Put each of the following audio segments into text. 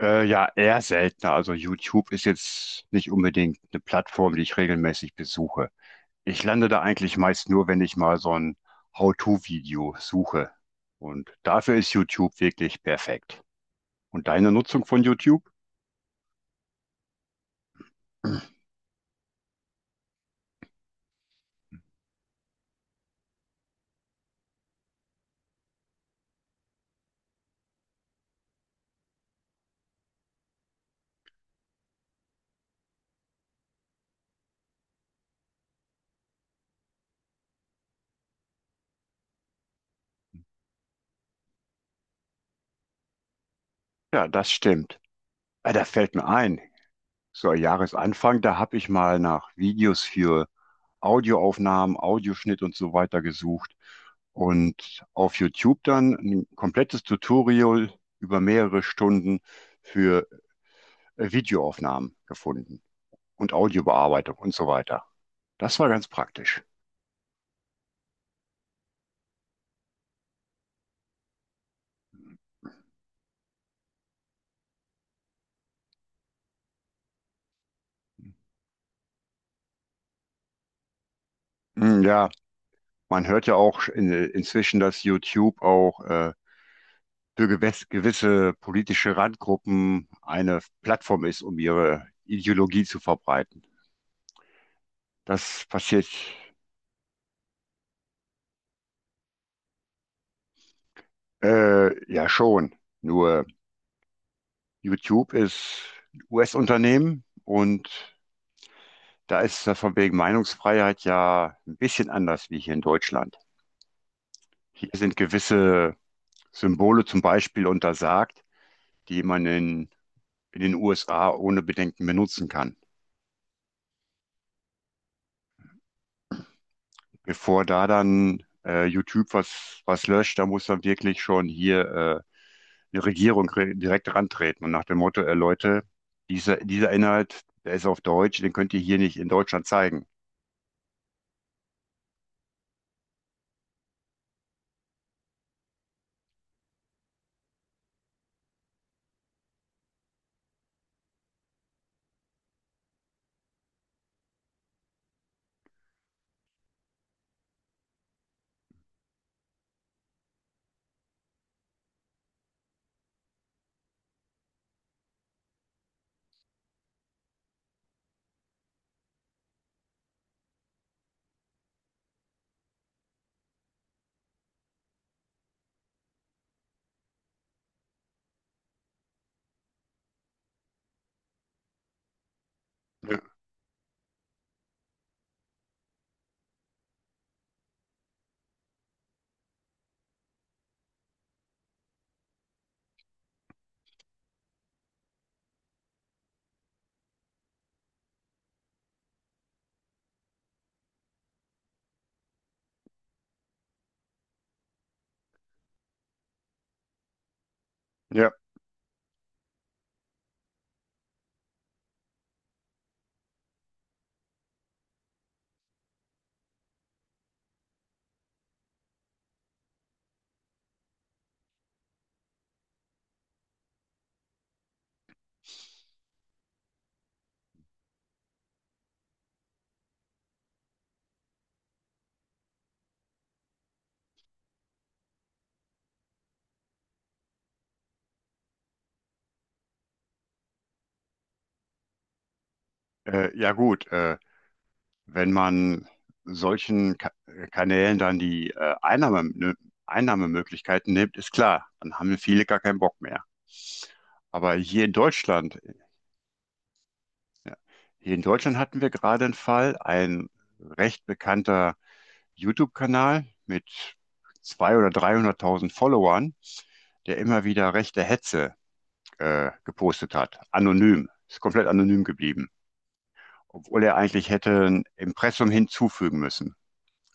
Ja, eher seltener. Also YouTube ist jetzt nicht unbedingt eine Plattform, die ich regelmäßig besuche. Ich lande da eigentlich meist nur, wenn ich mal so ein How-to-Video suche. Und dafür ist YouTube wirklich perfekt. Und deine Nutzung von YouTube? Ja, das stimmt. Ah, da fällt mir ein, so Jahresanfang, da habe ich mal nach Videos für Audioaufnahmen, Audioschnitt und so weiter gesucht und auf YouTube dann ein komplettes Tutorial über mehrere Stunden für Videoaufnahmen gefunden und Audiobearbeitung und so weiter. Das war ganz praktisch. Hm, ja, man hört ja auch inzwischen, dass YouTube auch für gewisse politische Randgruppen eine Plattform ist, um ihre Ideologie zu verbreiten. Das passiert ja schon. Nur YouTube ist ein US-Unternehmen, und da ist das von wegen Meinungsfreiheit ja ein bisschen anders wie hier in Deutschland. Hier sind gewisse Symbole zum Beispiel untersagt, die man in den USA ohne Bedenken benutzen kann. Bevor da dann YouTube was löscht, da muss dann wirklich schon hier eine Regierung re direkt rantreten und nach dem Motto: Leute, dieser Inhalt, der ist auf Deutsch, den könnt ihr hier nicht in Deutschland zeigen. Ja, ja, ja gut. Wenn man solchen Ka Kanälen dann die ne, Einnahmemöglichkeiten nimmt, ist klar, dann haben ja viele gar keinen Bock mehr. Aber hier in Deutschland, ja, hier in Deutschland hatten wir gerade einen Fall, ein recht bekannter YouTube-Kanal mit 200.000 oder 300.000 Followern, der immer wieder rechte Hetze gepostet hat, anonym, ist komplett anonym geblieben, obwohl er eigentlich hätte ein Impressum hinzufügen müssen.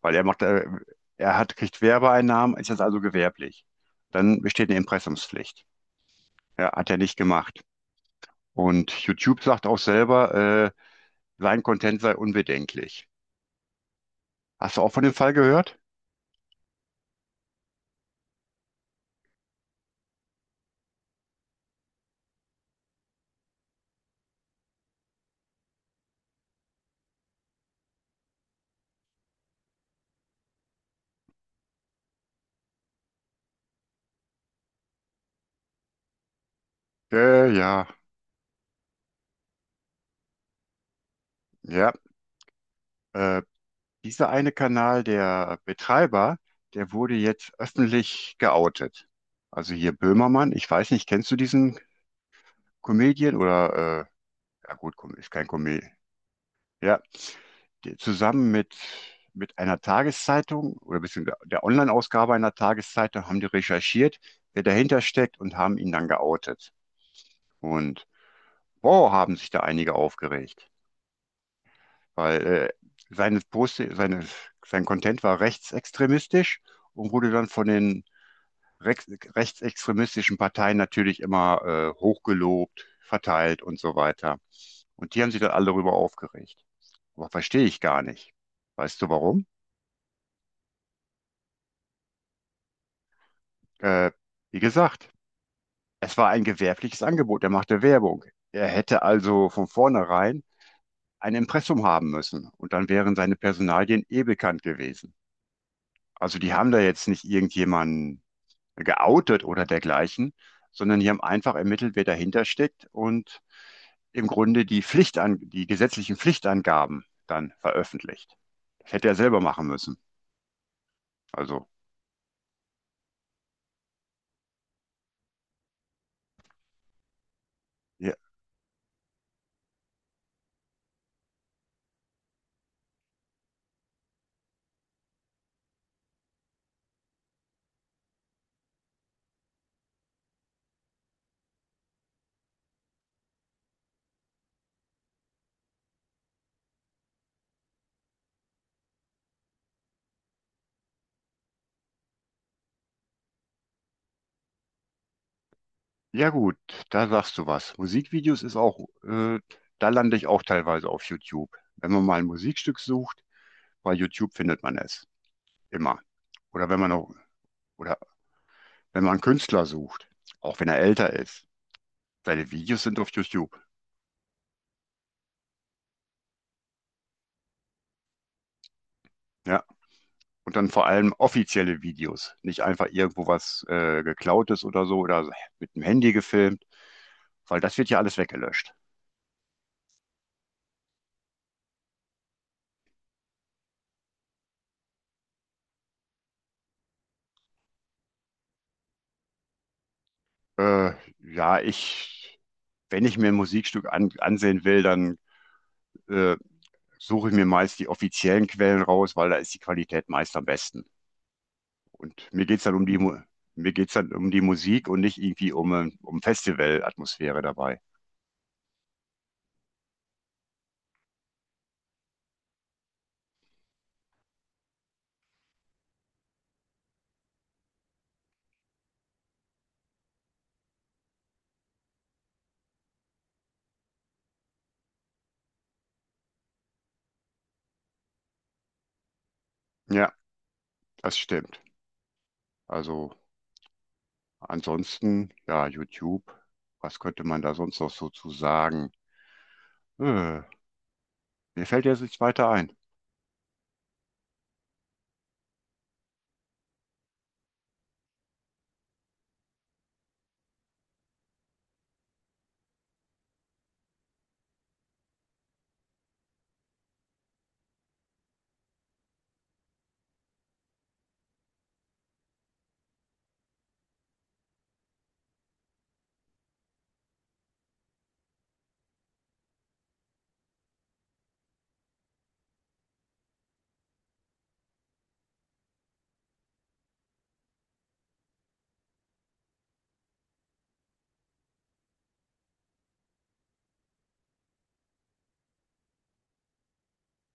Weil kriegt Werbeeinnahmen, ist jetzt also gewerblich. Dann besteht eine Impressumspflicht. Ja, hat er nicht gemacht. Und YouTube sagt auch selber, äh, sein Content sei unbedenklich. Hast du auch von dem Fall gehört? Ja, ja. Äh, Dieser eine Kanal, der Betreiber, der wurde jetzt öffentlich geoutet. Also hier Böhmermann, ich weiß nicht, kennst du diesen Comedian oder, ja gut, ist kein Comedian. Ja, der, zusammen mit, einer Tageszeitung oder beziehungsweise der Online-Ausgabe einer Tageszeitung, haben die recherchiert, wer dahinter steckt, und haben ihn dann geoutet. Und boah, haben sich da einige aufgeregt. Weil seine Post, seine, sein Content war rechtsextremistisch und wurde dann von den rex- rechtsextremistischen Parteien natürlich immer hochgelobt, verteilt und so weiter. Und die haben sich dann alle darüber aufgeregt. Aber verstehe ich gar nicht. Weißt du warum? Äh, Wie gesagt, es war ein gewerbliches Angebot. Er machte Werbung. Er hätte also von vornherein ein Impressum haben müssen. Und dann wären seine Personalien eh bekannt gewesen. Also, die haben da jetzt nicht irgendjemanden geoutet oder dergleichen, sondern die haben einfach ermittelt, wer dahinter steckt, und im Grunde die Pflichtan die gesetzlichen Pflichtangaben dann veröffentlicht. Das hätte er selber machen müssen. Also, ja, ja gut, da sagst du was. Musikvideos ist auch, äh, da lande ich auch teilweise auf YouTube. Wenn man mal ein Musikstück sucht, bei YouTube findet man es immer. Oder wenn man auch, oder wenn man einen Künstler sucht, auch wenn er älter ist. Seine Videos sind auf YouTube. Ja. Und dann vor allem offizielle Videos, nicht einfach irgendwo was geklautes oder so oder mit dem Handy gefilmt, weil das wird ja alles weggelöscht. Äh, ja, wenn ich mir ein Musikstück ansehen will, dann äh, suche ich mir meist die offiziellen Quellen raus, weil da ist die Qualität meist am besten. Und mir geht's dann um die Musik und nicht irgendwie um Festivalatmosphäre dabei. Ja, das stimmt. Also ansonsten, ja, YouTube, was könnte man da sonst noch so zu sagen? Äh, Mir fällt jetzt nichts weiter ein.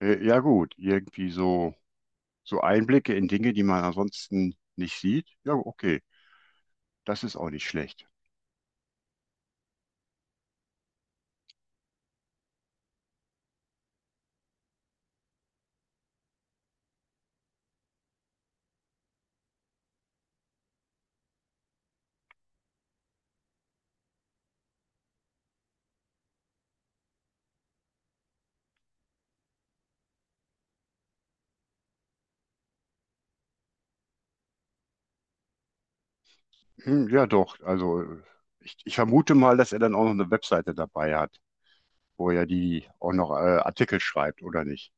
Ja gut, irgendwie so, Einblicke in Dinge, die man ansonsten nicht sieht. Ja, okay, das ist auch nicht schlecht. Hm, ja doch, also ich vermute mal, dass er dann auch noch eine Webseite dabei hat, wo er die auch noch Artikel schreibt, oder nicht?